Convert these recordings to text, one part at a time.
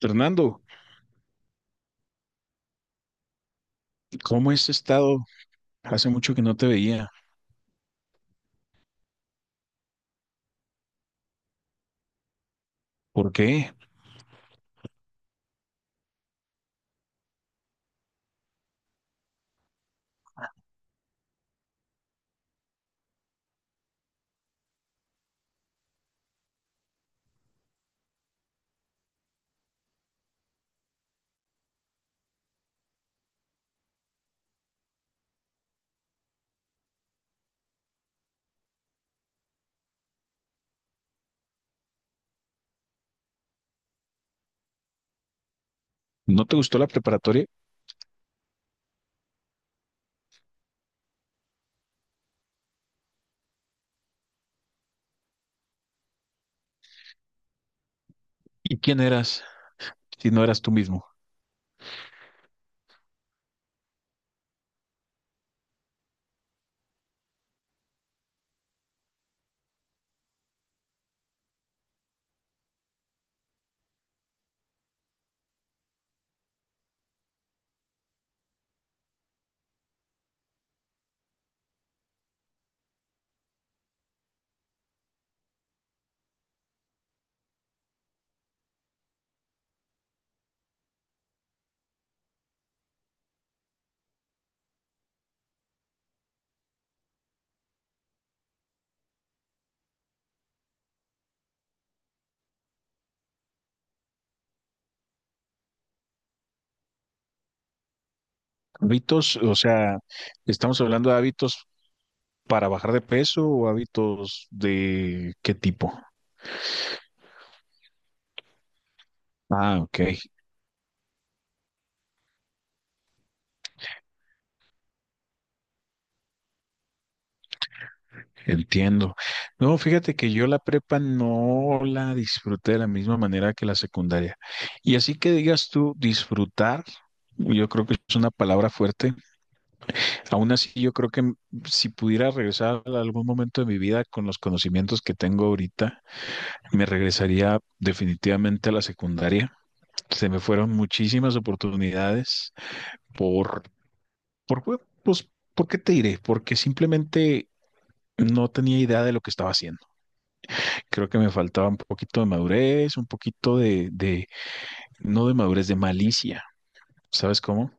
Fernando, ¿cómo has estado? Hace mucho que no te veía. ¿Por qué? ¿No te gustó la preparatoria? ¿Y quién eras si no eras tú mismo? Hábitos, o sea, estamos hablando de hábitos para bajar de peso o ¿hábitos de qué tipo? Ah, ok, entiendo. No, fíjate que yo la prepa no la disfruté de la misma manera que la secundaria. Y así que digas tú, disfrutar, yo creo que es una palabra fuerte. Aún así, yo creo que si pudiera regresar a algún momento de mi vida con los conocimientos que tengo ahorita, me regresaría definitivamente a la secundaria. Se me fueron muchísimas oportunidades por, pues, ¿por qué te diré? Porque simplemente no tenía idea de lo que estaba haciendo. Creo que me faltaba un poquito de madurez, un poquito de no de madurez, de malicia. ¿Sabes cómo?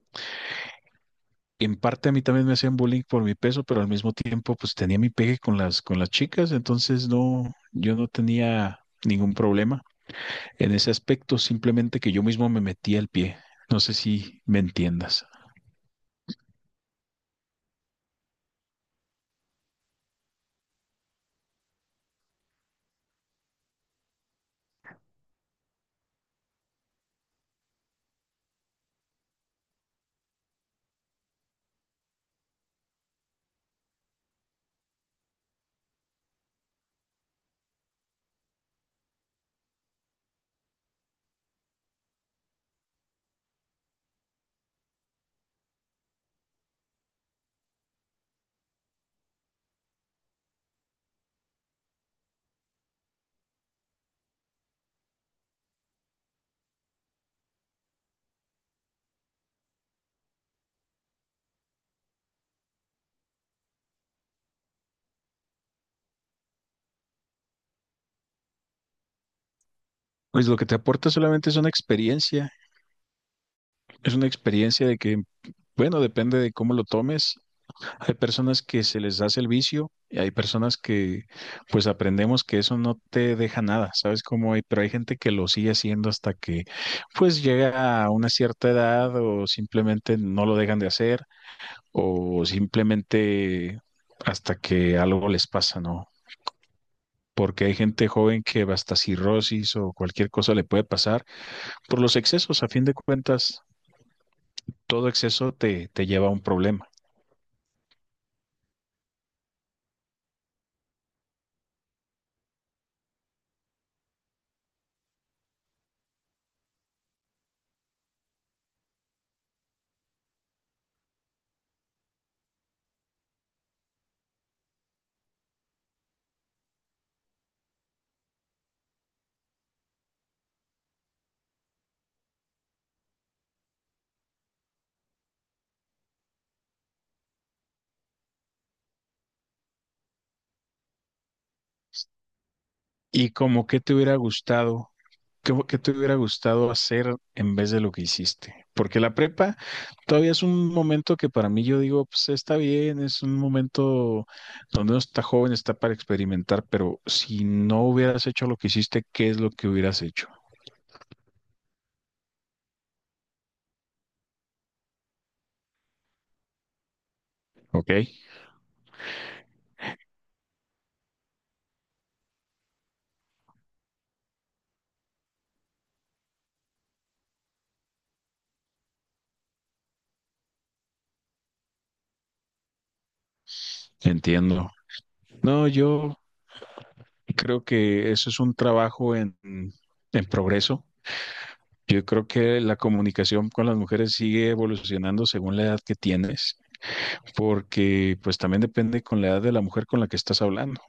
En parte a mí también me hacían bullying por mi peso, pero al mismo tiempo pues tenía mi pegue con las chicas, entonces no, yo no tenía ningún problema en ese aspecto, simplemente que yo mismo me metía el pie. No sé si me entiendas. Pues lo que te aporta solamente es una experiencia de que, bueno, depende de cómo lo tomes. Hay personas que se les hace el vicio y hay personas que pues aprendemos que eso no te deja nada, ¿sabes cómo hay? Pero hay gente que lo sigue haciendo hasta que pues llega a una cierta edad o simplemente no lo dejan de hacer o simplemente hasta que algo les pasa, ¿no? Porque hay gente joven que hasta cirrosis o cualquier cosa le puede pasar por los excesos. A fin de cuentas, todo exceso te lleva a un problema. ¿Y como que te hubiera gustado? ¿ Qué te hubiera gustado hacer en vez de lo que hiciste? Porque la prepa todavía es un momento que para mí yo digo, pues está bien, es un momento donde uno está joven, está para experimentar, pero si no hubieras hecho lo que hiciste, ¿qué es lo que hubieras hecho? ¿Ok? Entiendo. No, yo creo que eso es un trabajo en progreso. Yo creo que la comunicación con las mujeres sigue evolucionando según la edad que tienes, porque pues también depende con la edad de la mujer con la que estás hablando.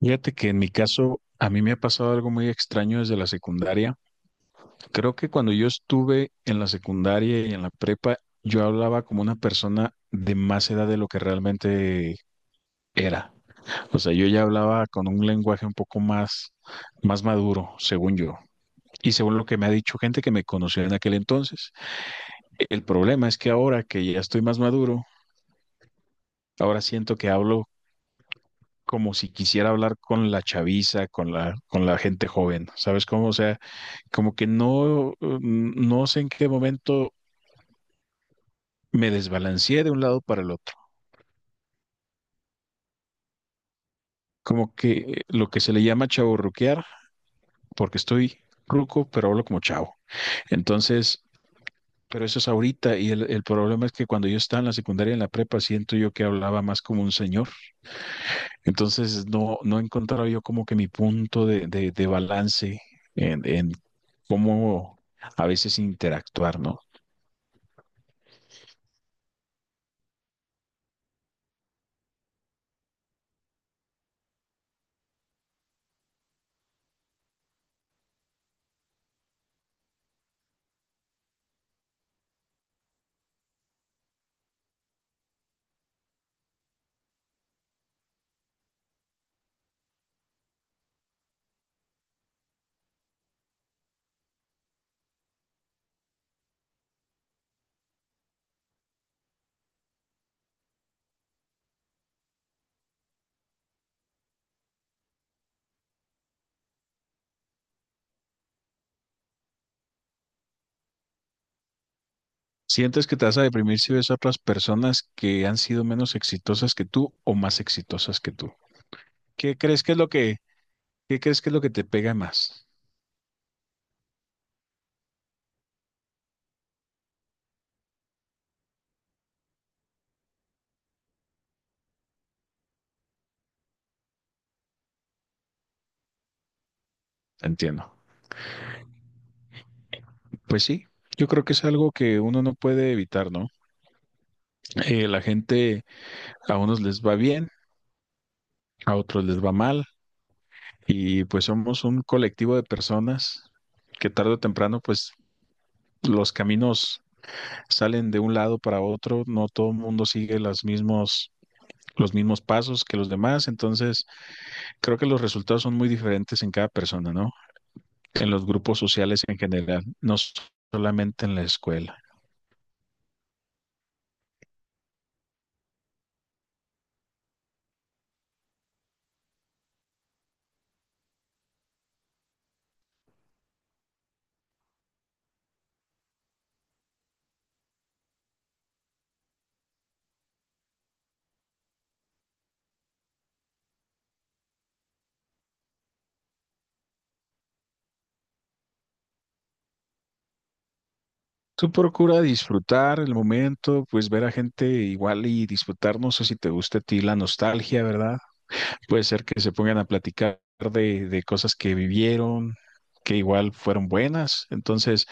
Fíjate que en mi caso, a mí me ha pasado algo muy extraño desde la secundaria. Creo que cuando yo estuve en la secundaria y en la prepa, yo hablaba como una persona de más edad de lo que realmente era. O sea, yo ya hablaba con un lenguaje un poco más maduro, según yo, y según lo que me ha dicho gente que me conoció en aquel entonces. El problema es que ahora que ya estoy más maduro, ahora siento que hablo como si quisiera hablar con la chaviza, con la gente joven, ¿sabes cómo? O sea, como que no, no sé en qué momento me desbalanceé de un lado para el otro. Como que lo que se le llama chaburruquear, porque estoy ruco, pero hablo como chavo. Entonces, pero eso es ahorita y el problema es que cuando yo estaba en la secundaria, en la prepa, siento yo que hablaba más como un señor. Entonces no, no he encontrado yo como que mi punto de balance en cómo a veces interactuar, ¿no? ¿Sientes que te vas a deprimir si ves a otras personas que han sido menos exitosas que tú o más exitosas que tú? ¿Qué crees que es lo que, qué crees que es lo que te pega más? Entiendo. Pues sí, yo creo que es algo que uno no puede evitar, ¿no? La gente, a unos les va bien, a otros les va mal, y pues somos un colectivo de personas que tarde o temprano, pues los caminos salen de un lado para otro, no todo el mundo sigue los mismos pasos que los demás, entonces creo que los resultados son muy diferentes en cada persona, ¿no? En los grupos sociales en general, no solamente en la escuela. Tú procura disfrutar el momento, pues ver a gente igual y disfrutar, no sé si te gusta a ti la nostalgia, ¿verdad? Puede ser que se pongan a platicar de cosas que vivieron, que igual fueron buenas. Entonces,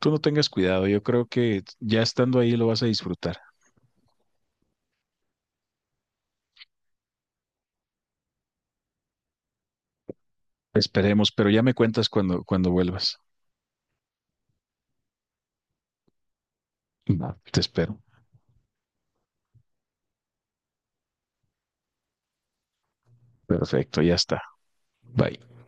tú no tengas cuidado, yo creo que ya estando ahí lo vas a disfrutar. Esperemos, pero ya me cuentas cuando vuelvas. Va. Te espero. Perfecto, ya está. Bye.